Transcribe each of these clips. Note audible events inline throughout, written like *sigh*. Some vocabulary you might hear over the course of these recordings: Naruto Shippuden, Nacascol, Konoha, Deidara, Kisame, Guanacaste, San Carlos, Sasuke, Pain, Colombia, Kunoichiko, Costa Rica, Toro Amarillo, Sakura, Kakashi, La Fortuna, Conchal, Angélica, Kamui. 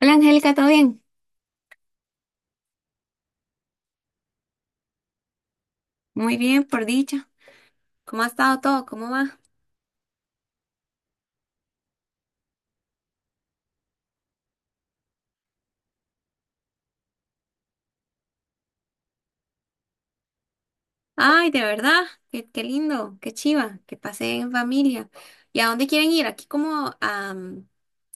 Hola Angélica, ¿todo bien? Muy bien, por dicha. ¿Cómo ha estado todo? ¿Cómo va? Ay, de verdad, qué lindo, qué chiva, que pasé en familia. ¿Y a dónde quieren ir? ¿Aquí como a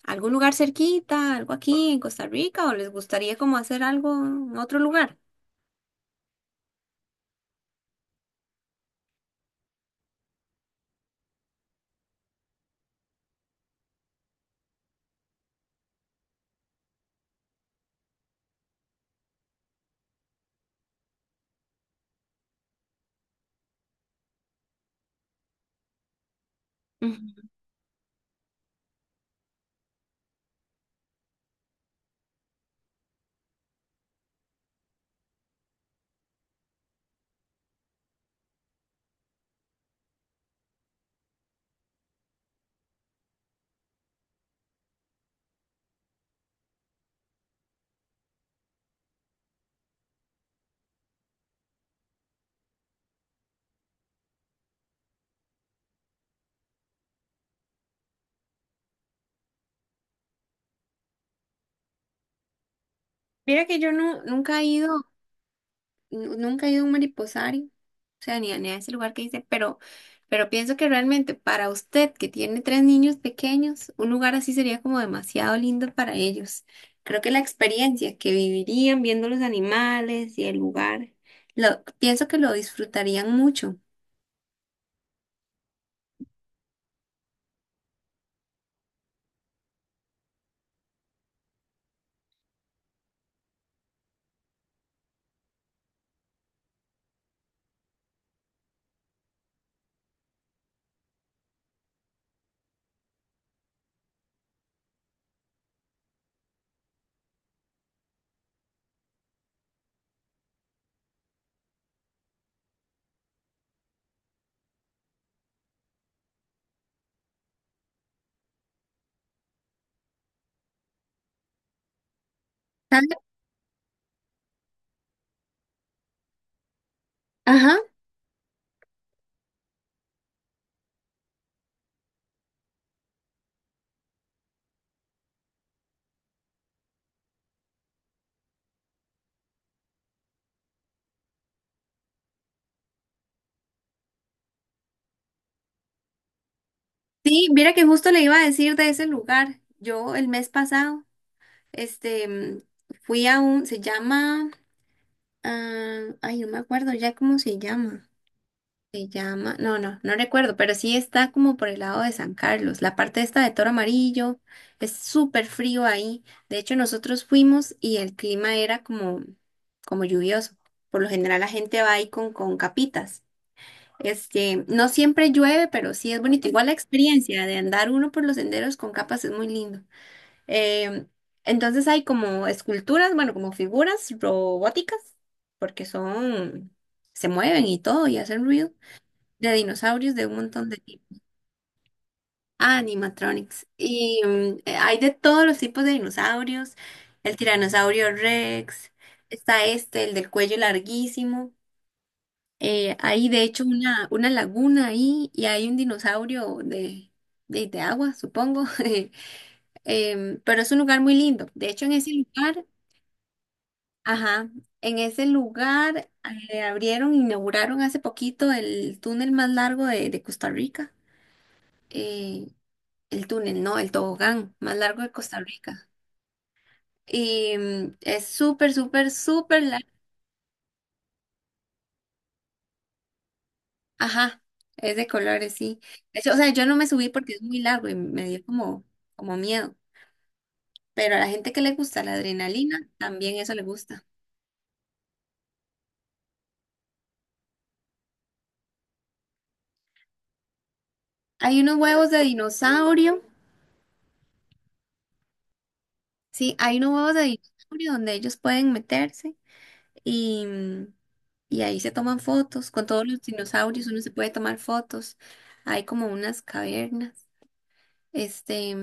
algún lugar cerquita, algo aquí en Costa Rica o les gustaría como hacer algo en otro lugar? Ujú. Mira que yo no, nunca he ido, nunca he ido a un mariposario. O sea, ni a ese lugar que dice, pero pienso que realmente para usted que tiene tres niños pequeños, un lugar así sería como demasiado lindo para ellos. Creo que la experiencia que vivirían viendo los animales y el lugar, lo, pienso que lo disfrutarían mucho. ¿Sabe? Ajá. Sí, mira que justo le iba a decir de ese lugar. Yo el mes pasado, este, mm, fui a un, se llama, ah, ay, no me acuerdo ya cómo se llama. Se llama, no, no, no recuerdo, pero sí está como por el lado de San Carlos. La parte esta de Toro Amarillo es súper frío ahí. De hecho, nosotros fuimos y el clima era como, como lluvioso. Por lo general la gente va ahí con capitas. Este, no siempre llueve, pero sí es bonito. Igual la experiencia de andar uno por los senderos con capas es muy lindo. Eh, entonces hay como esculturas, bueno, como figuras robóticas, porque son, se mueven y todo y hacen ruido de dinosaurios de un montón de tipos. Ah, animatronics. Y hay de todos los tipos de dinosaurios. El tiranosaurio Rex, está este, el del cuello larguísimo. Hay de hecho una laguna ahí y hay un dinosaurio de, de agua, supongo. *laughs* Pero es un lugar muy lindo. De hecho, en ese lugar, ajá, en ese lugar abrieron, inauguraron hace poquito el túnel más largo de Costa Rica. Eh, El túnel, no, el tobogán más largo de Costa Rica. Y es súper, súper, súper largo. Ajá, es de colores, sí. De hecho, o sea, yo no me subí porque es muy largo y me dio como, como miedo. Pero a la gente que le gusta la adrenalina, también eso le gusta. Hay unos huevos de dinosaurio, sí, hay unos huevos de dinosaurio donde ellos pueden meterse y, y ahí se toman fotos. Con todos los dinosaurios uno se puede tomar fotos. Hay como unas cavernas. Este.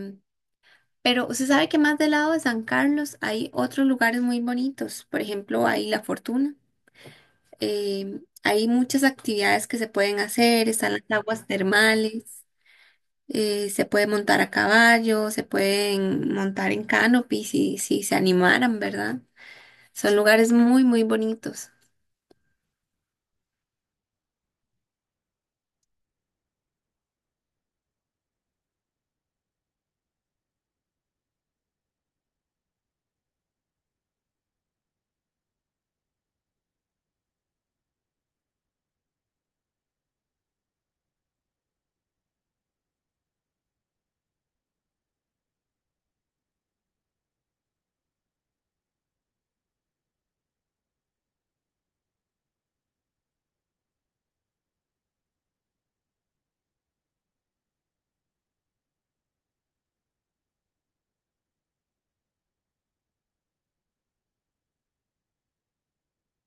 Pero usted sabe que más del lado de San Carlos hay otros lugares muy bonitos. Por ejemplo, hay La Fortuna. Hay muchas actividades que se pueden hacer. Están las aguas termales. Se puede montar a caballo. Se pueden montar en canopy si, si se animaran, ¿verdad? Son lugares muy, muy bonitos.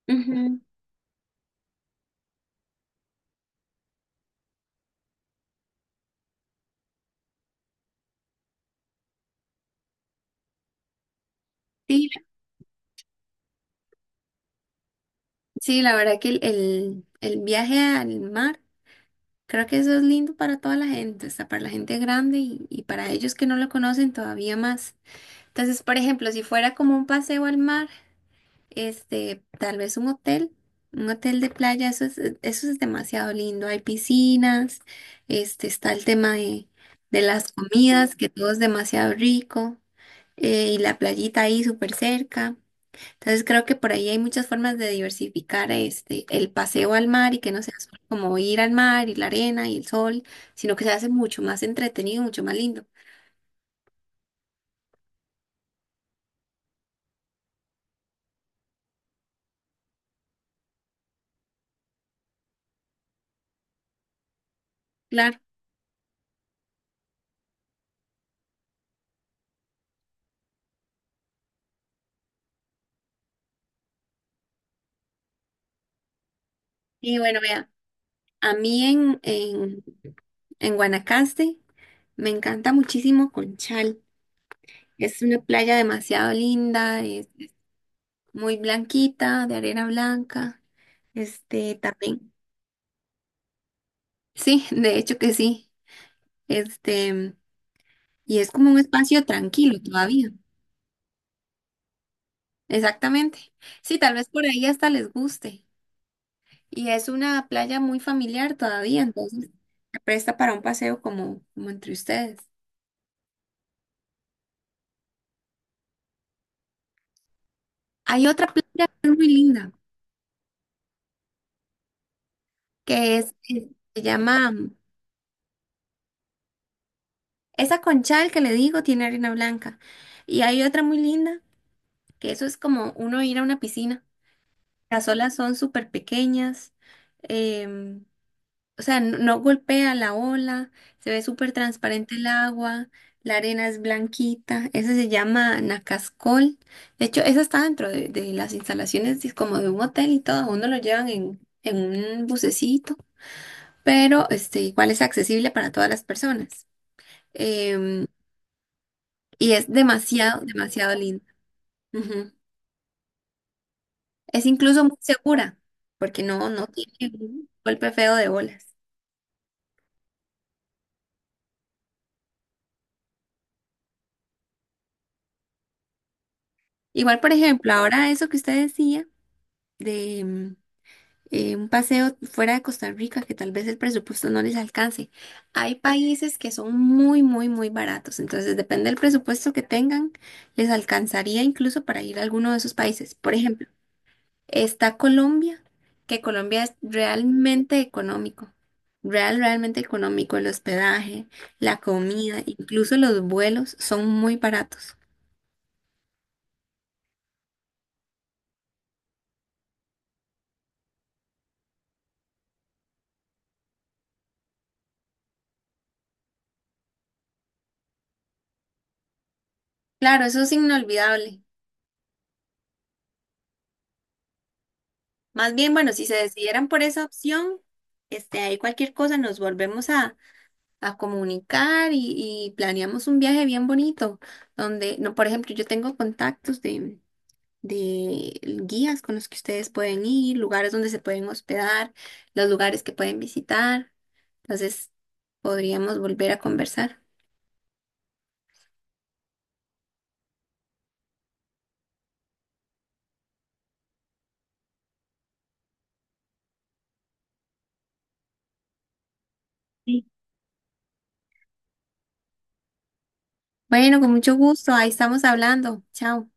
Ujú. Sí, sí, la verdad que el, el viaje al mar, creo que eso es lindo para toda la gente, hasta para la gente grande y para ellos que no lo conocen todavía más. Entonces, por ejemplo, si fuera como un paseo al mar, este, tal vez un hotel de playa, eso es demasiado lindo. Hay piscinas, este, está el tema de las comidas, que todo es demasiado rico, y la playita ahí súper cerca. Entonces, creo que por ahí hay muchas formas de diversificar este, el paseo al mar y que no sea solo como ir al mar y la arena y el sol, sino que se hace mucho más entretenido, mucho más lindo. Claro. Y bueno, veamos. A mí en Guanacaste me encanta muchísimo Conchal. Es una playa demasiado linda, es muy blanquita, de arena blanca. Este también. Sí, *laughs* de hecho que sí. Este, y es como un espacio tranquilo todavía. Exactamente. Sí, tal vez por ahí hasta les guste. Y es una playa muy familiar todavía, entonces se presta para un paseo como, como entre ustedes. Hay otra playa que es muy linda. que es, es- se llama, esa conchal que le digo tiene arena blanca. Y hay otra muy linda, que eso es como uno ir a una piscina. Las olas son súper pequeñas, em, o sea, no, no golpea la ola, se ve súper transparente el agua, la arena es blanquita, ese se llama Nacascol. De hecho, eso está dentro de las instalaciones como de un hotel y todo, a uno lo llevan en un bucecito, pero este, igual es accesible para todas las personas. em, y es demasiado, demasiado linda. Ujú. Es incluso muy segura, porque no, no tiene un golpe feo de bolas. Igual, por ejemplo, ahora eso que usted decía de un paseo fuera de Costa Rica, que tal vez el presupuesto no les alcance. Hay países que son muy, muy, muy baratos, entonces depende del presupuesto que tengan, les alcanzaría incluso para ir a alguno de esos países. Por ejemplo, está Colombia, que Colombia es realmente económico, realmente económico, el hospedaje, la comida, incluso los vuelos son muy baratos. Claro, eso es inolvidable. Más bien, bueno, si se decidieran por esa opción, este, ahí cualquier cosa nos volvemos a comunicar y planeamos un viaje bien bonito, donde, no, por ejemplo, yo tengo contactos de guías con los que ustedes pueden ir, lugares donde se pueden hospedar, los lugares que pueden visitar. Entonces, podríamos volver a conversar. Sí. Bueno, con mucho gusto, ahí estamos hablando. Chao.